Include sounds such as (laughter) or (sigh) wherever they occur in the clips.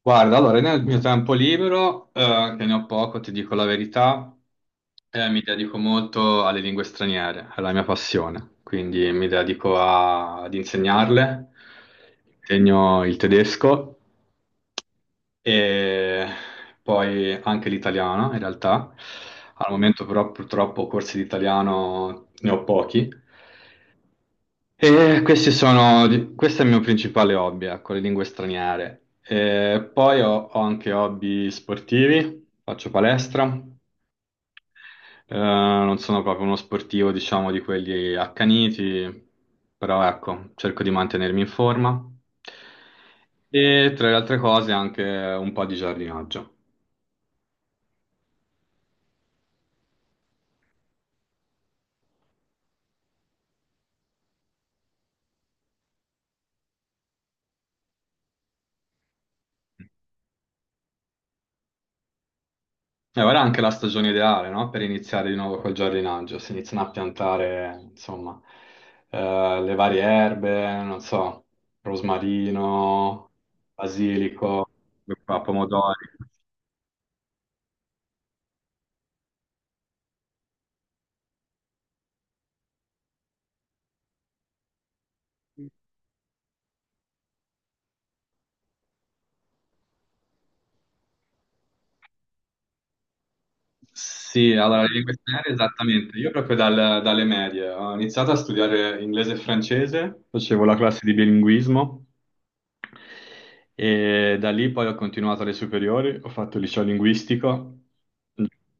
Guarda, allora nel mio tempo libero, che ne ho poco, ti dico la verità, mi dedico molto alle lingue straniere, è la mia passione, quindi mi dedico ad insegnarle, insegno il tedesco e poi anche l'italiano in realtà. Al momento però purtroppo corsi di italiano ne ho pochi, e questi sono, questo è il mio principale hobby, ecco, le lingue straniere. E poi ho anche hobby sportivi, faccio palestra. Non sono proprio uno sportivo, diciamo, di quelli accaniti, però ecco, cerco di mantenermi in forma. E tra le altre cose anche un po' di giardinaggio. E ora è anche la stagione ideale, no? Per iniziare di nuovo col giardinaggio, si iniziano a piantare, insomma, le varie erbe, non so, rosmarino, basilico, qua, pomodori. Sì, allora, le lingue straniere esattamente. Io proprio dalle medie ho iniziato a studiare inglese e francese, facevo la classe di bilinguismo e da lì poi ho continuato alle superiori, ho fatto il liceo linguistico.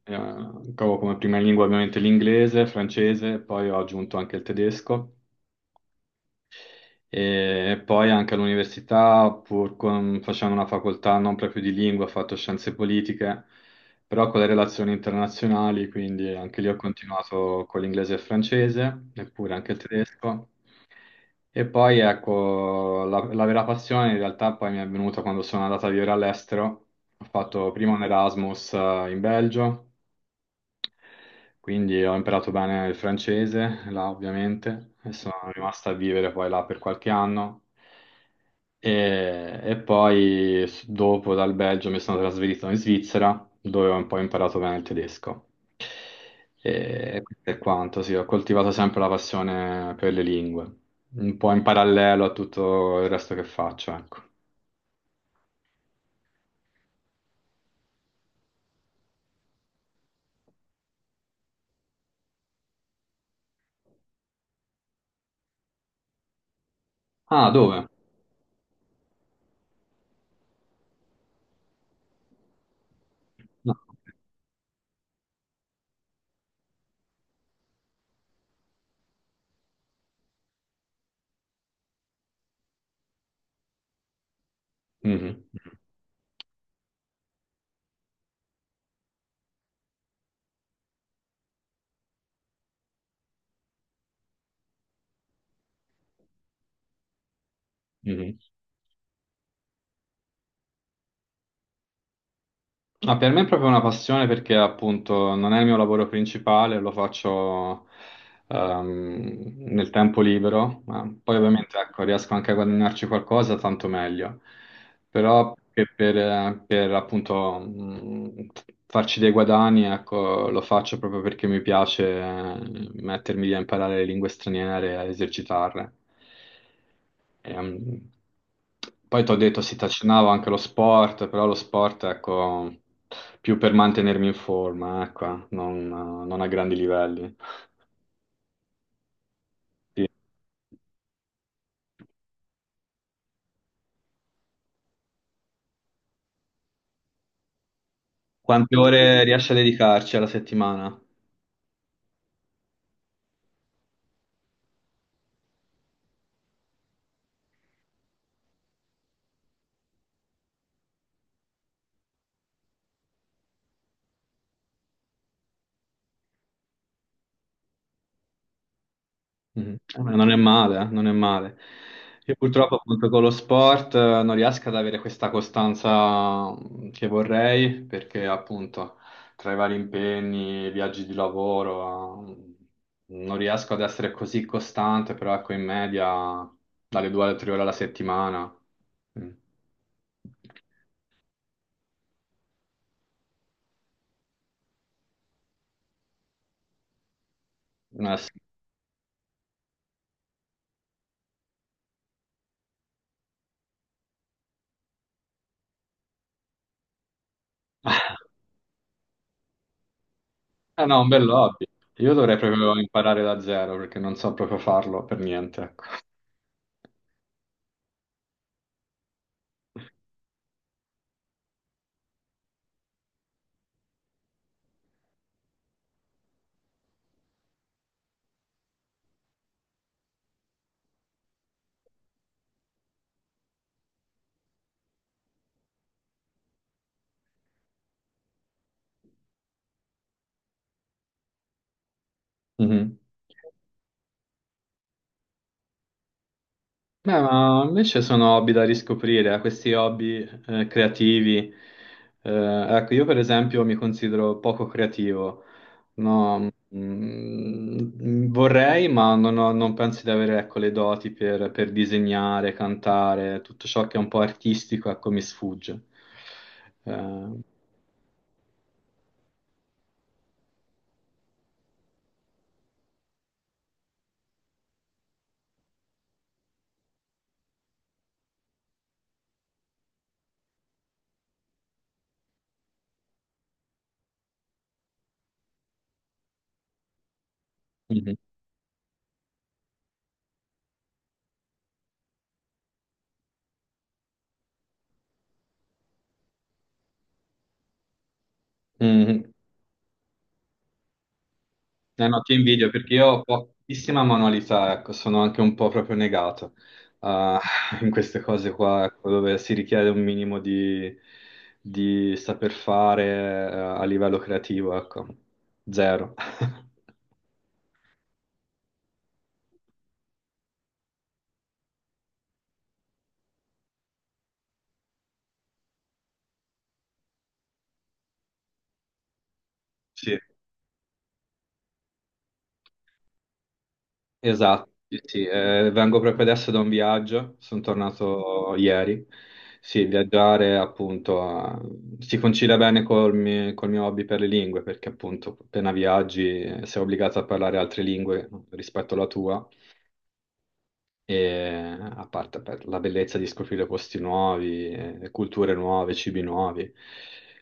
Trovo come prima lingua ovviamente l'inglese, il francese, poi ho aggiunto anche il tedesco e poi anche all'università, pur facendo una facoltà non proprio di lingua, ho fatto scienze politiche, però con le relazioni internazionali, quindi anche lì ho continuato con l'inglese e il francese, eppure anche il tedesco. E poi ecco, la vera passione in realtà poi mi è venuta quando sono andata a vivere all'estero. Ho fatto prima un Erasmus in Belgio, quindi ho imparato bene il francese, là ovviamente, e sono rimasto a vivere poi là per qualche anno. E poi dopo dal Belgio mi sono trasferito in Svizzera, dove ho un po' imparato bene il tedesco. E questo è quanto, sì, ho coltivato sempre la passione per le lingue, un po' in parallelo a tutto il resto che faccio, ecco. Ah, dove? No. Mhm, mhm, mhm. Ma per me è proprio una passione perché appunto non è il mio lavoro principale, lo faccio nel tempo libero, ma poi ovviamente ecco, riesco anche a guadagnarci qualcosa, tanto meglio. Però che per, appunto farci dei guadagni, ecco, lo faccio proprio perché mi piace mettermi lì a imparare le lingue straniere, a esercitarle. Ehm, Poi ti ho detto si trascinavo anche lo sport, però lo sport, ecco, più per mantenermi in forma, ecco, non a grandi livelli. Sì. Quante ore riesci a dedicarci alla settimana? Mm. Non è male, non è male. Io purtroppo appunto con lo sport non riesco ad avere questa costanza che vorrei perché appunto tra i vari impegni, viaggi di lavoro, non riesco ad essere così costante, però ecco in media dalle 2 alle 3 ore alla settimana. Mm. Sì. (laughs) Ah, no, un bel hobby. Io dovrei proprio imparare da zero perché non so proprio farlo per niente, ecco. (laughs) Mhm. Beh, ma invece sono hobby da riscoprire, questi hobby creativi. Eh, ecco, io per esempio mi considero poco creativo. No, vorrei, ma non penso di avere, ecco, le doti per disegnare, cantare, tutto ciò che è un po' artistico, ecco, mi sfugge. Mhm. Mhm. Eh no, ti invidio perché io ho pochissima manualità, ecco, sono anche un po' proprio negato ah, (laughs) in queste cose qua, ecco, dove si richiede un minimo di saper fare a livello creativo, ecco, zero. (laughs) Sì. Esatto, sì, sì, vengo proprio adesso da un viaggio, sono tornato ieri. Sì, viaggiare appunto si concilia bene col mio hobby per le lingue, perché appunto appena viaggi sei obbligato a parlare altre lingue rispetto alla tua, e a parte per la bellezza di scoprire posti nuovi, culture nuove, cibi nuovi.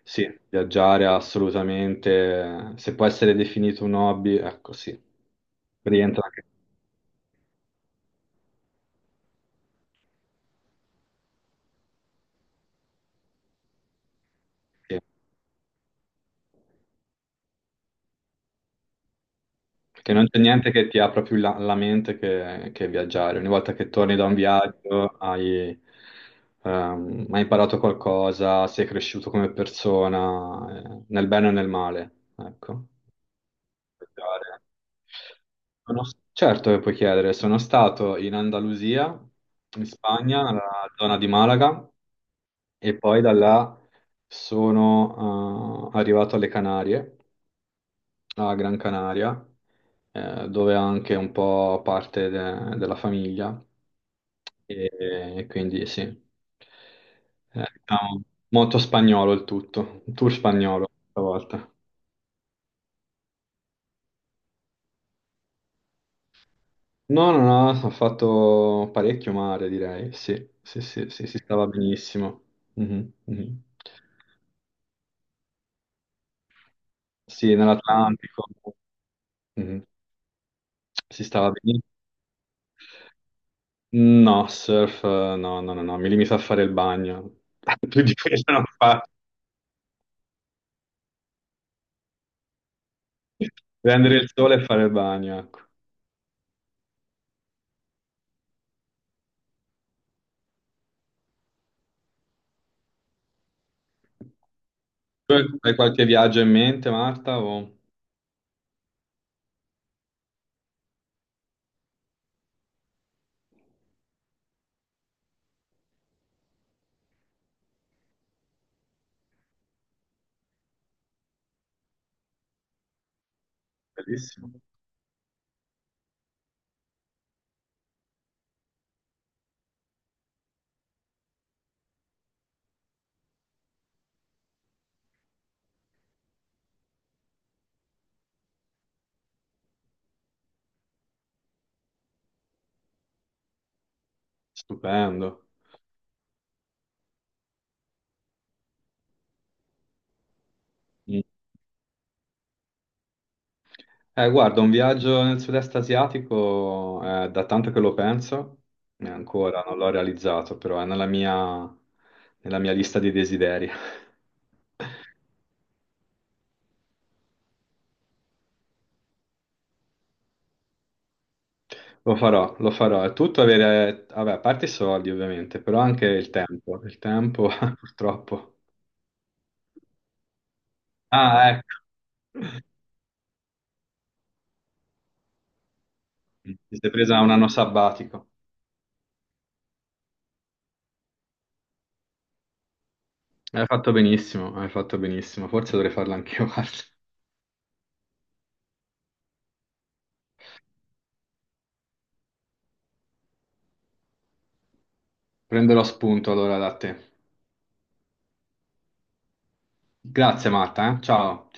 Sì, viaggiare è assolutamente, se può essere definito un hobby, ecco sì, rientra anche. Perché non c'è niente che ti apra più la mente che viaggiare. Ogni volta che torni da un viaggio hai imparato qualcosa, sei cresciuto come persona, nel bene e nel male. Ecco. Viaggiare. Sono- certo che puoi chiedere, sono stato in Andalusia, in Spagna, nella zona di Malaga, e poi da là sono arrivato alle Canarie a Gran Canaria, dove ha anche un po' parte della famiglia, e, e quindi sì. Diciamo, molto spagnolo il tutto, un tour spagnolo questa volta. No, no, no, ho fatto parecchio mare, direi, sì, sì, sì, sì, si stava benissimo. Mhm, mhm. Sì, nell'Atlantico, mhm, si stava benissimo. No, surf, no, no, no, no, mi limito a fare il bagno. (laughs) Più di quello non faccio. Prendere il sole e fare il bagno, ecco. Tu hai qualche viaggio in mente, Marta? Bellissimo. Stupendo. Mm. Guarda, un viaggio nel sud-est asiatico, da tanto che lo penso, e ancora non l'ho realizzato, però è nella mia lista di desideri. (laughs) Lo farò, lo farò. È tutto avere, vabbè, a parte i soldi ovviamente, però anche il tempo. Il tempo, (laughs) purtroppo. Ah, ecco. Ti sei presa un anno sabbatico. Hai fatto benissimo, hai fatto benissimo. Forse dovrei farlo anch'io, (laughs) guarda. Prenderò spunto allora da te. Grazie Marta, eh. Ciao.